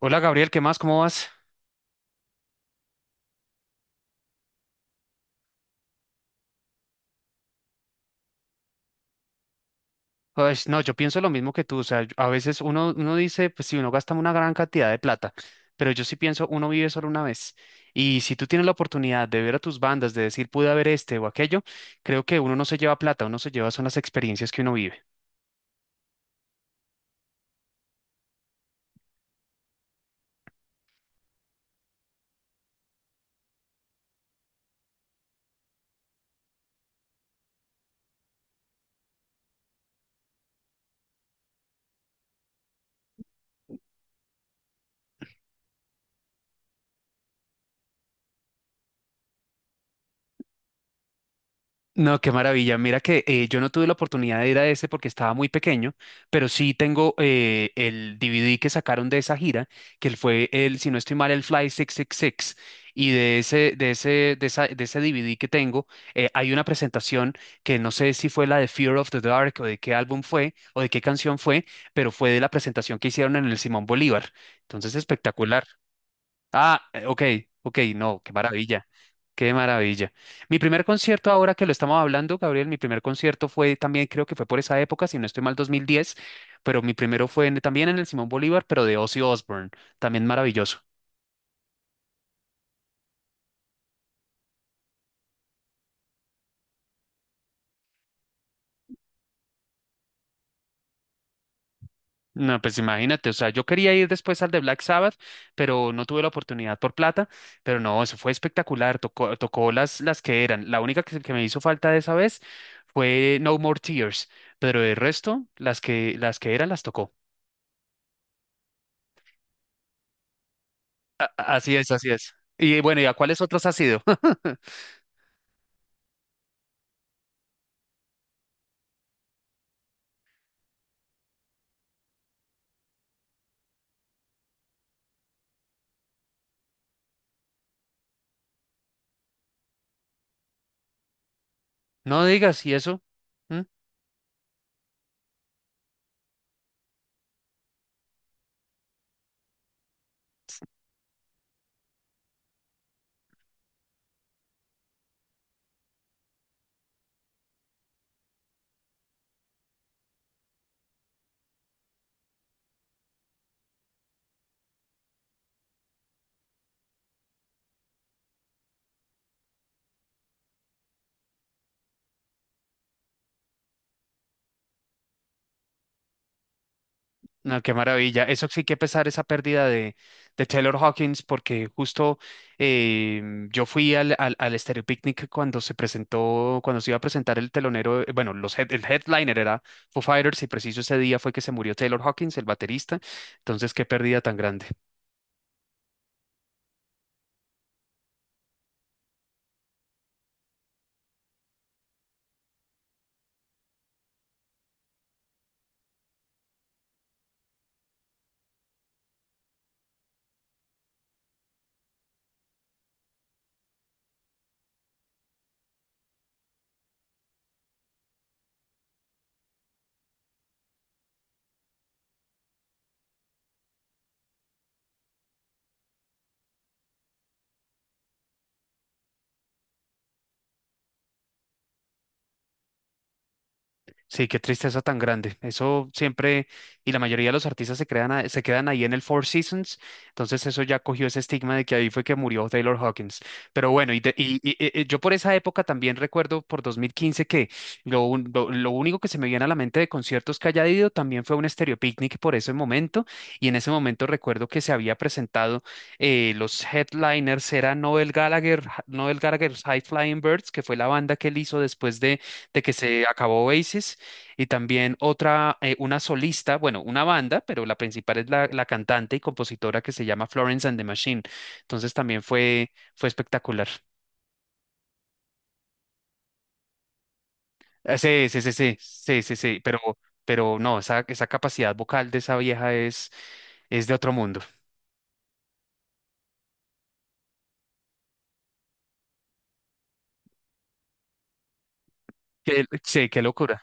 Hola Gabriel, ¿qué más? ¿Cómo vas? Pues no, yo pienso lo mismo que tú, o sea, a veces uno dice, pues si uno gasta una gran cantidad de plata, pero yo sí pienso, uno vive solo una vez. Y si tú tienes la oportunidad de ver a tus bandas, de decir, pude haber este o aquello, creo que uno no se lleva plata, uno se lleva son las experiencias que uno vive. No, qué maravilla. Mira que yo no tuve la oportunidad de ir a ese porque estaba muy pequeño, pero sí tengo el DVD que sacaron de esa gira, que fue el, si no estoy mal, el Fly 666. Y seis. Y de ese, de ese DVD que tengo, hay una presentación que no sé si fue la de Fear of the Dark o de qué álbum fue o de qué canción fue, pero fue de la presentación que hicieron en el Simón Bolívar. Entonces, espectacular. Ah, ok, ok, no, qué maravilla, qué maravilla. Mi primer concierto, ahora que lo estamos hablando, Gabriel, mi primer concierto fue también, creo que fue por esa época, si no estoy mal, 2010, pero mi primero fue también en el Simón Bolívar, pero de Ozzy Osbourne, también maravilloso. No, pues imagínate, o sea, yo quería ir después al de Black Sabbath, pero no tuve la oportunidad por plata, pero no, eso fue espectacular, tocó las que eran. La única que me hizo falta de esa vez fue No More Tears, pero el resto, las que eran, las tocó. Así es, así es. Y bueno, ¿y a cuáles otros has ido? No digas, ¿y eso? ¿Mm? No, qué maravilla. Eso sí que pesar esa pérdida de Taylor Hawkins, porque justo eh, yo fui al Stereo Picnic cuando se presentó, cuando se iba a presentar el telonero, bueno, los el headliner era Foo Fighters, y preciso ese día fue que se murió Taylor Hawkins, el baterista. Entonces, qué pérdida tan grande. Sí, qué tristeza tan grande. Eso siempre, y la mayoría de los artistas se crean se quedan ahí en el Four Seasons, entonces eso ya cogió ese estigma de que ahí fue que murió Taylor Hawkins. Pero bueno, y yo por esa época también recuerdo por 2015 que lo único que se me viene a la mente de conciertos que haya ido también fue un Stereo Picnic por ese momento, y en ese momento recuerdo que se había presentado, los headliners eran Noel Gallagher, Noel Gallagher's High Flying Birds, que fue la banda que él hizo después de que se acabó Oasis y también otra, una solista, bueno, una banda, pero la principal es la cantante y compositora que se llama Florence and the Machine. Entonces también fue espectacular. Ah, sí, sí, sí, sí, sí, sí, sí, pero no, esa capacidad vocal de esa vieja es de otro mundo. Sí, qué locura.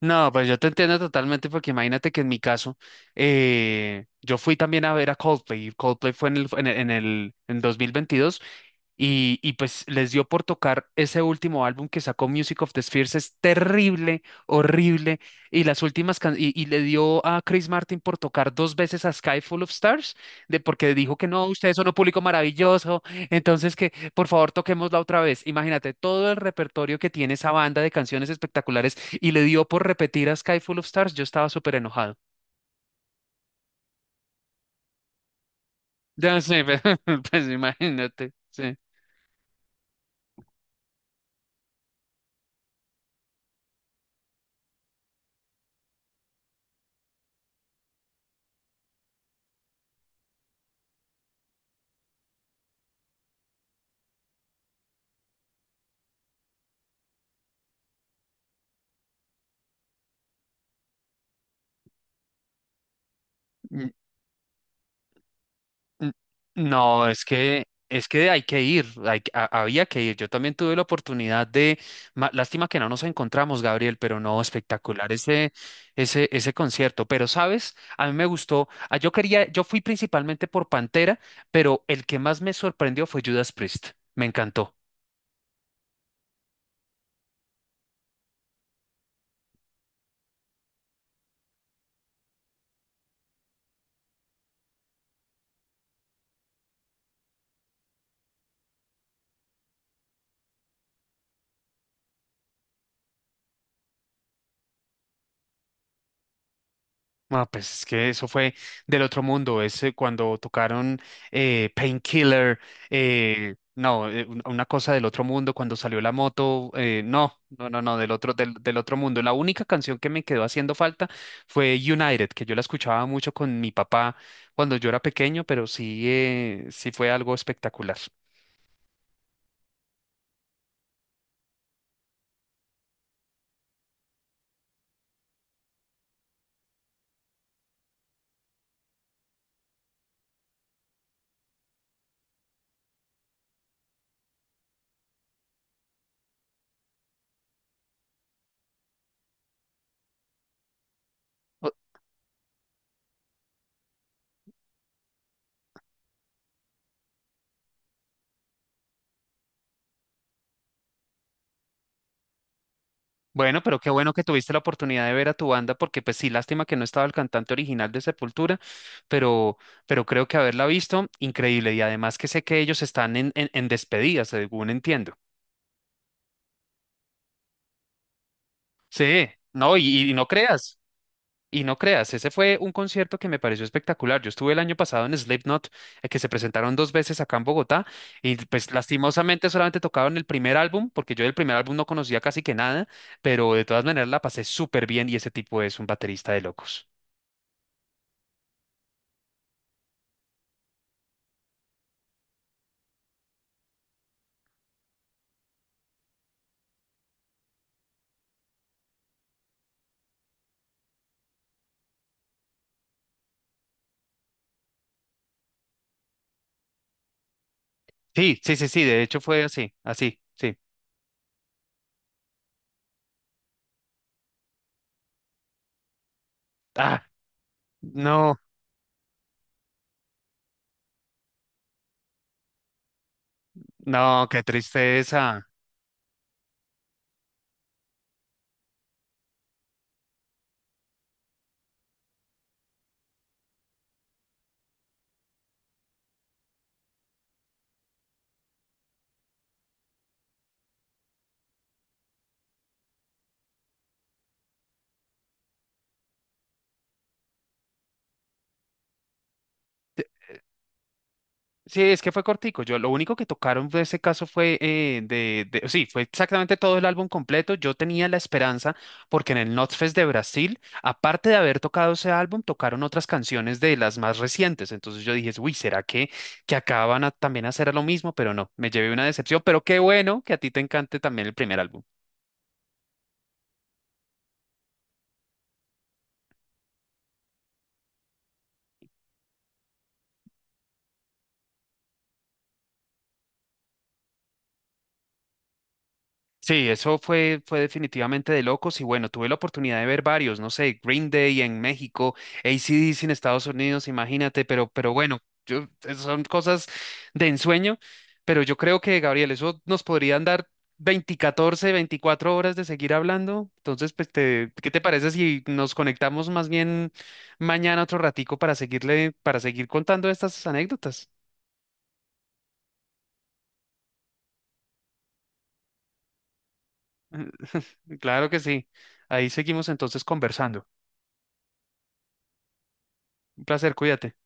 No, pues yo te entiendo totalmente porque imagínate que en mi caso, yo fui también a ver a Coldplay. Y Coldplay fue en 2022, y pues les dio por tocar ese último álbum que sacó Music of the Spheres, es terrible, horrible. Y las últimas can- y le dio a Chris Martin por tocar dos veces a Sky Full of Stars, de porque dijo que no, ustedes son un público maravilloso, entonces que por favor toquémosla otra vez. Imagínate todo el repertorio que tiene esa banda de canciones espectaculares y le dio por repetir a Sky Full of Stars, yo estaba súper enojado. Ya sé, pues imagínate, sí. N- No, es que, hay que ir, había que ir. Yo también tuve la oportunidad de, lástima que no nos encontramos, Gabriel, pero no, espectacular ese concierto. Pero, ¿sabes? A mí me gustó, ah, yo quería, yo fui principalmente por Pantera, pero el que más me sorprendió fue Judas Priest. Me encantó. Ah, pues es que eso fue del otro mundo, es cuando tocaron Painkiller, no, una cosa del otro mundo, cuando salió la moto, no, no, no, no, del otro, del otro mundo. La única canción que me quedó haciendo falta fue United, que yo la escuchaba mucho con mi papá cuando yo era pequeño, pero sí, sí fue algo espectacular. Bueno, pero qué bueno que tuviste la oportunidad de ver a tu banda, porque pues sí, lástima que no estaba el cantante original de Sepultura, pero, pero creo que haberla visto, increíble. Y además que sé que ellos están en despedida, según entiendo. Sí, no, y no creas, ese fue un concierto que me pareció espectacular. Yo estuve el año pasado en Slipknot, que se presentaron dos veces acá en Bogotá, y pues lastimosamente solamente tocaron el primer álbum, porque yo del primer álbum no conocía casi que nada, pero de todas maneras la pasé súper bien y ese tipo es un baterista de locos. Sí, sí, sí, sí, de hecho fue así, así, sí. Ah, no, no, qué tristeza. Sí, es que fue cortico. Yo lo único que tocaron de ese caso fue sí, fue exactamente todo el álbum completo. Yo tenía la esperanza porque en el Notfest de Brasil, aparte de haber tocado ese álbum, tocaron otras canciones de las más recientes. Entonces yo dije, uy, ¿será que acaban a, también hacer lo mismo? Pero no, me llevé una decepción. Pero qué bueno que a ti te encante también el primer álbum. Sí, eso fue definitivamente de locos y bueno, tuve la oportunidad de ver varios, no sé, Green Day en México, AC/DC en Estados Unidos, imagínate, pero bueno, yo, son cosas de ensueño, pero yo creo que, Gabriel, eso nos podrían dar 20, 14, 24 horas de seguir hablando, entonces, pues, ¿qué te parece si nos conectamos más bien mañana otro ratico para seguirle, para seguir contando estas anécdotas? Claro que sí, ahí seguimos entonces conversando. Un placer, cuídate.